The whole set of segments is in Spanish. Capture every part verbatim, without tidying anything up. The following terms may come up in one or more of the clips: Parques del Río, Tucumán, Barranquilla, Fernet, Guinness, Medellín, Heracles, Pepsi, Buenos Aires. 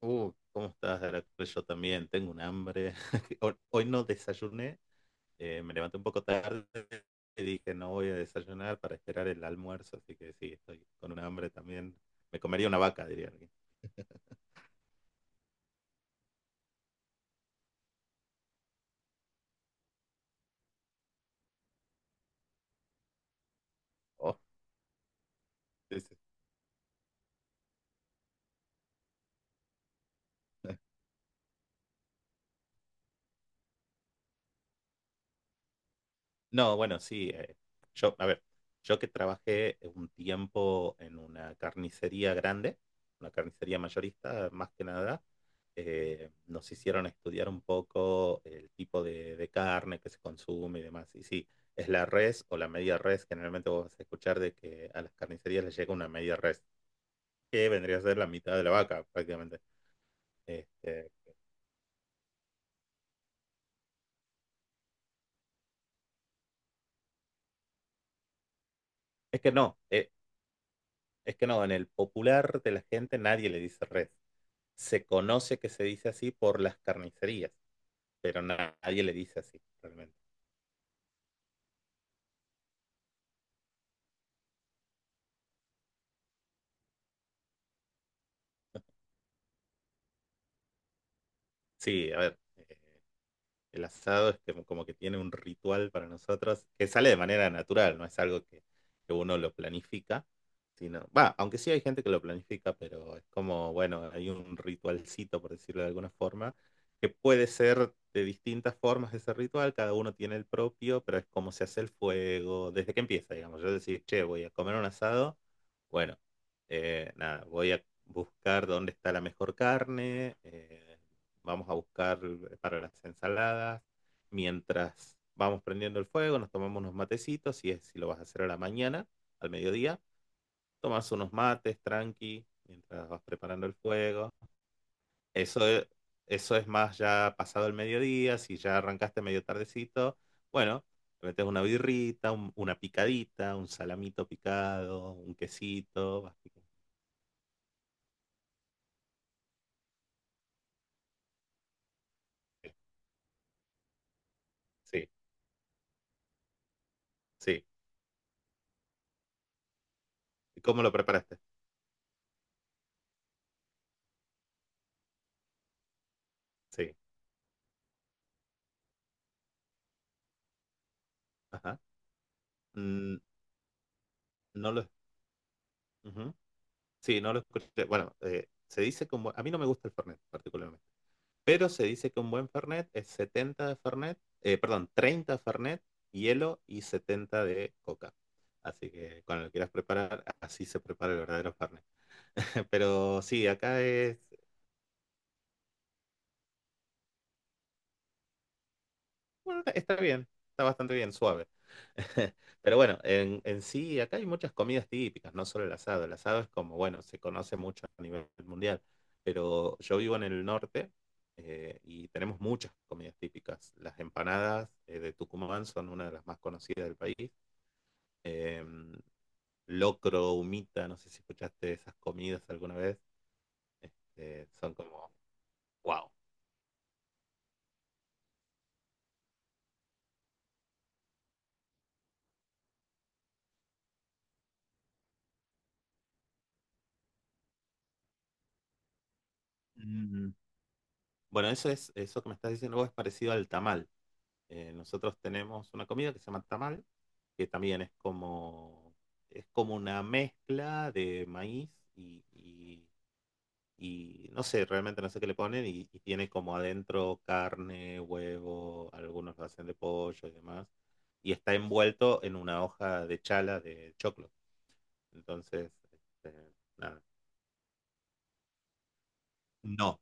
Uh, ¿cómo estás, Heracles? Yo también tengo un hambre. Hoy hoy no desayuné, eh, me levanté un poco tarde y dije no voy a desayunar para esperar el almuerzo, así que sí, estoy con un hambre también. Me comería una vaca, diría alguien. Oh, sí, sí. No, bueno, sí. eh, yo, a ver, yo que trabajé un tiempo en una carnicería grande, una carnicería mayorista, más que nada, eh, nos hicieron estudiar un poco el tipo de, de carne que se consume y demás. Y sí, es la res o la media res. Generalmente vos vas a escuchar de que a las carnicerías les llega una media res, que vendría a ser la mitad de la vaca, prácticamente. Este, es que no, eh, es que no, en el popular de la gente nadie le dice res. Se conoce que se dice así por las carnicerías, pero nadie le dice así realmente. Sí, a ver, eh, el asado es que- como que tiene un ritual para nosotros que sale de manera natural, no es algo que, que uno lo planifica, sino, va, aunque sí hay gente que lo planifica, pero es como, bueno, hay un ritualcito, por decirlo de alguna forma, que puede ser de distintas formas ese ritual, cada uno tiene el propio, pero es como se hace el fuego, desde que empieza, digamos, yo decir, che, voy a comer un asado, bueno, eh, nada, voy a buscar dónde está la mejor carne. Eh, vamos a buscar para las ensaladas, mientras vamos prendiendo el fuego, nos tomamos unos matecitos, si, es, si lo vas a hacer a la mañana, al mediodía, tomas unos mates tranqui, mientras vas preparando el fuego. Eso es, eso es más ya pasado el mediodía, si ya arrancaste medio tardecito, bueno, le metes una birrita, un- una picadita, un salamito picado, un quesito. Vas picando. Sí, sí. Sí. ¿Y cómo lo preparaste? Sí. Ajá. Mm, no lo... Ujú. Sí, no lo escuché. Bueno, eh, se dice que un buen- a mí no me gusta el Fernet particularmente, pero se dice que un buen Fernet es setenta de Fernet, eh, perdón, treinta de Fernet, hielo y setenta de coca. Así que cuando lo quieras preparar, así se prepara el verdadero Fernet. Pero sí, acá es. Bueno, está está bien, está bastante bien, suave. Pero bueno, en, en sí, acá hay muchas comidas típicas, no solo el asado. El asado es como, bueno, se conoce mucho a nivel mundial, pero yo vivo en el norte, eh, y tenemos muchas comidas típicas. Las empanadas eh, de Tucumán son una de las más conocidas del país. Em, locro, humita, no sé si escuchaste esas comidas alguna vez. Este, son como, wow. Mm. Bueno, eso es, eso que me estás diciendo vos es parecido al tamal. Eh, nosotros tenemos una comida que se llama tamal, que también es como, es como una mezcla de maíz y, y- y no sé, realmente no sé qué le ponen y, y tiene como adentro carne, huevo, algunos lo hacen de pollo y demás. Y está envuelto en una hoja de chala de choclo. Entonces, este, nada. No,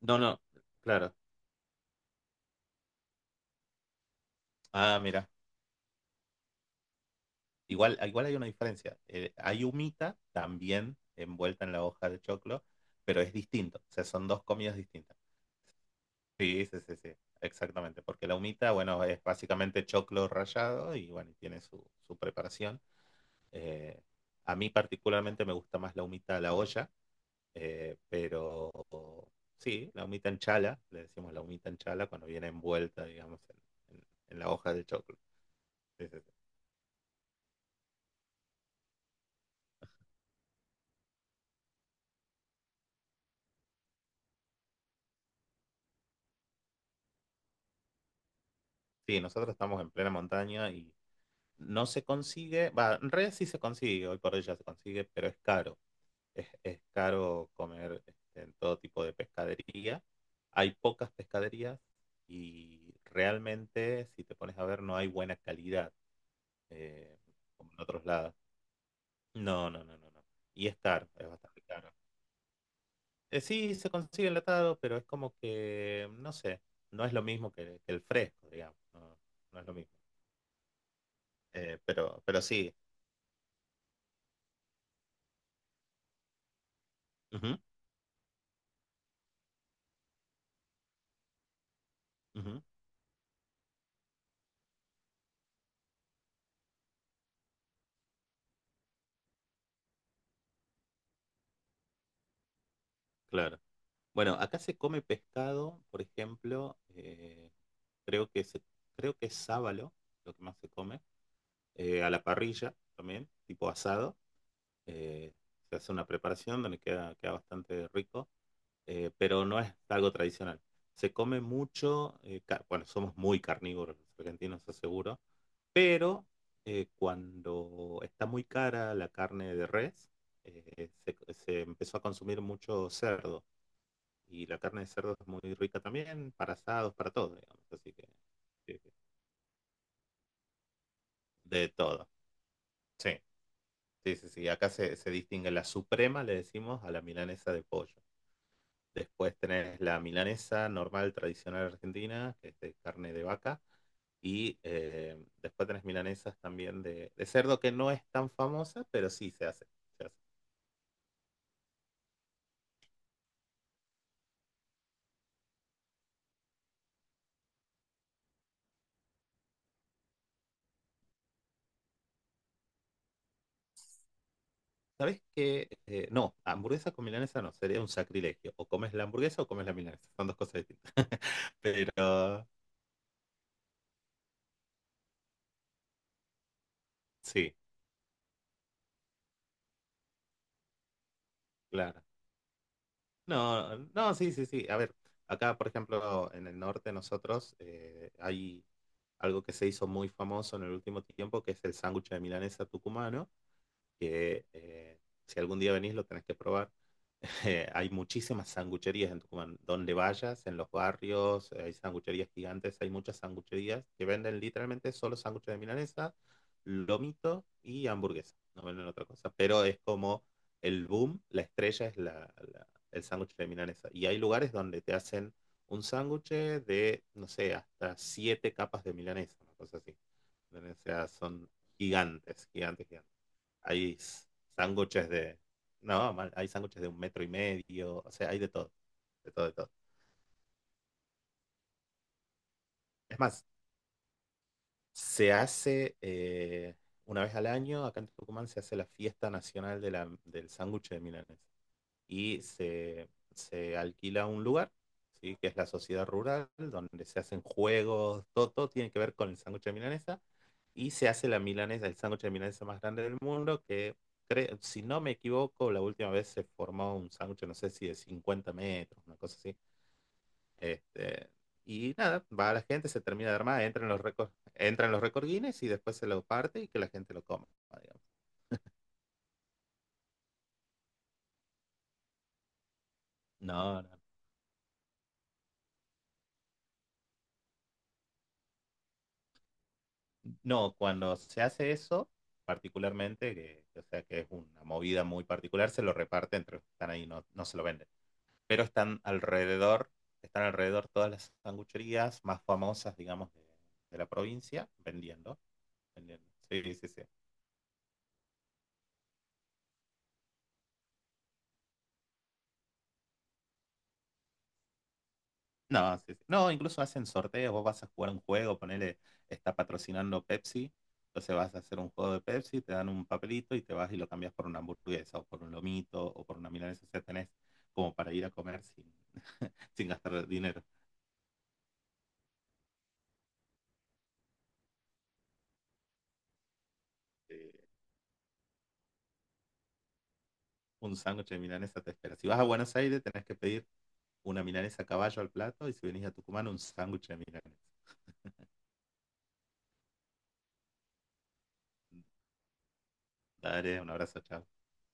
no, no, claro. Ah, mira. Igual, igual hay una diferencia. Eh, hay humita también envuelta en la hoja de choclo, pero es distinto. O sea, son dos comidas distintas. Sí, sí, sí, sí, exactamente. Porque la humita, bueno, es básicamente choclo rallado y bueno, y tiene su, su preparación. Eh, a mí particularmente me gusta más la humita a la olla, eh, pero sí, la humita en chala, le decimos la humita en chala cuando viene envuelta, digamos, en, en- en la hoja de choclo. Sí, sí, sí. Sí, nosotros estamos en plena montaña y no se consigue, va, en realidad sí se consigue, hoy por hoy ya se consigue, pero es caro. Es, es caro comer este, en todo tipo de pescadería. Hay pocas pescaderías y realmente, si te pones a ver, no hay buena calidad, eh, como en otros lados. No, no, no, no, no. Y es caro, es bastante caro. Eh, sí, se consigue enlatado, pero es como que, no sé, no es lo mismo que, que el fresco, digamos. No, no es lo mismo. Eh, pero, pero sí. Ujú, ujú, claro. Bueno, acá se come pescado, por ejemplo, eh, creo que se, creo que es sábalo, lo que más se come, eh, a la parrilla también, tipo asado. eh, Se hace una preparación donde queda, queda bastante rico, eh, pero no es algo tradicional. Se come mucho, eh, ca- bueno, somos muy carnívoros los argentinos, eso seguro, pero eh, cuando está muy cara la carne de res, eh, se se empezó a consumir mucho cerdo. Y la carne de cerdo es muy rica también, para asados, para todo, digamos. Así que, sí, sí, de todo. Sí, sí, sí, sí. Acá se, se distingue la suprema, le decimos, a la milanesa de pollo. Después tenés la milanesa normal, tradicional argentina, que es de carne de vaca. Y eh, después tenés milanesas también de, de cerdo, que no es tan famosa, pero sí se hace. Se hace. ¿Sabés qué? Eh, no, hamburguesa con milanesa no, sería un sacrilegio. O comes la hamburguesa o comes la milanesa, son dos cosas distintas. Pero sí, claro. No, no, sí, sí, sí. A ver, acá, por ejemplo, en el norte nosotros eh, hay algo que se hizo muy famoso en el último tiempo, que es el sándwich de milanesa tucumano, que eh, si algún día venís lo tenés que probar. Hay muchísimas sangucherías en Tucumán. Donde vayas, en los barrios, hay sangucherías gigantes, hay muchas sangucherías que venden literalmente solo sándwiches de milanesa, lomito y hamburguesa. No venden otra cosa. Pero es como el boom, la estrella es la, la- el sándwich de milanesa. Y hay lugares donde te hacen un sándwich de, no sé, hasta siete capas de milanesa, una cosa así. O sea, son gigantes, gigantes, gigantes. Hay sándwiches de... No, mal, hay sándwiches de un metro y medio, o sea, hay de todo, de todo, de todo. Es más, se hace eh, una vez al año, acá en Tucumán se hace la fiesta nacional de la- del sándwich de milanesa. Y se, se alquila un lugar, ¿sí? Que es la sociedad rural, donde se hacen juegos, todo, todo tiene que ver con el sándwich de milanesa, y se hace la milanesa, el sándwich de milanesa más grande del mundo, que cre- si no me equivoco, la última vez se formó un sándwich, no sé si de cincuenta metros, una cosa así. Este, y nada, va la gente, se termina de armar, entra en los récords, entra en los récords Guinness y después se lo parte y que la gente lo coma, digamos. No, no. No, cuando se hace eso, particularmente, que, o sea que es una movida muy particular, se lo reparte entre los que están ahí, no, no se lo venden. Pero están alrededor, están alrededor todas las sangucherías más famosas, digamos, de, de la provincia, vendiendo, vendiendo. Sí, sí, sí. No, sí, sí. No, incluso hacen sorteos, vos vas a jugar un juego, ponele, está patrocinando Pepsi, entonces vas a hacer un juego de Pepsi, te dan un papelito y te vas y lo cambias por una hamburguesa o por un lomito o por una milanesa, o sea, tenés como para ir a comer sin, sin gastar dinero. Eh, un sándwich de milanesa te espera. Si vas a Buenos Aires, tenés que pedir una milanesa a caballo al plato y si venís a Tucumán, un sándwich de milanesa. Dale, un abrazo, chao.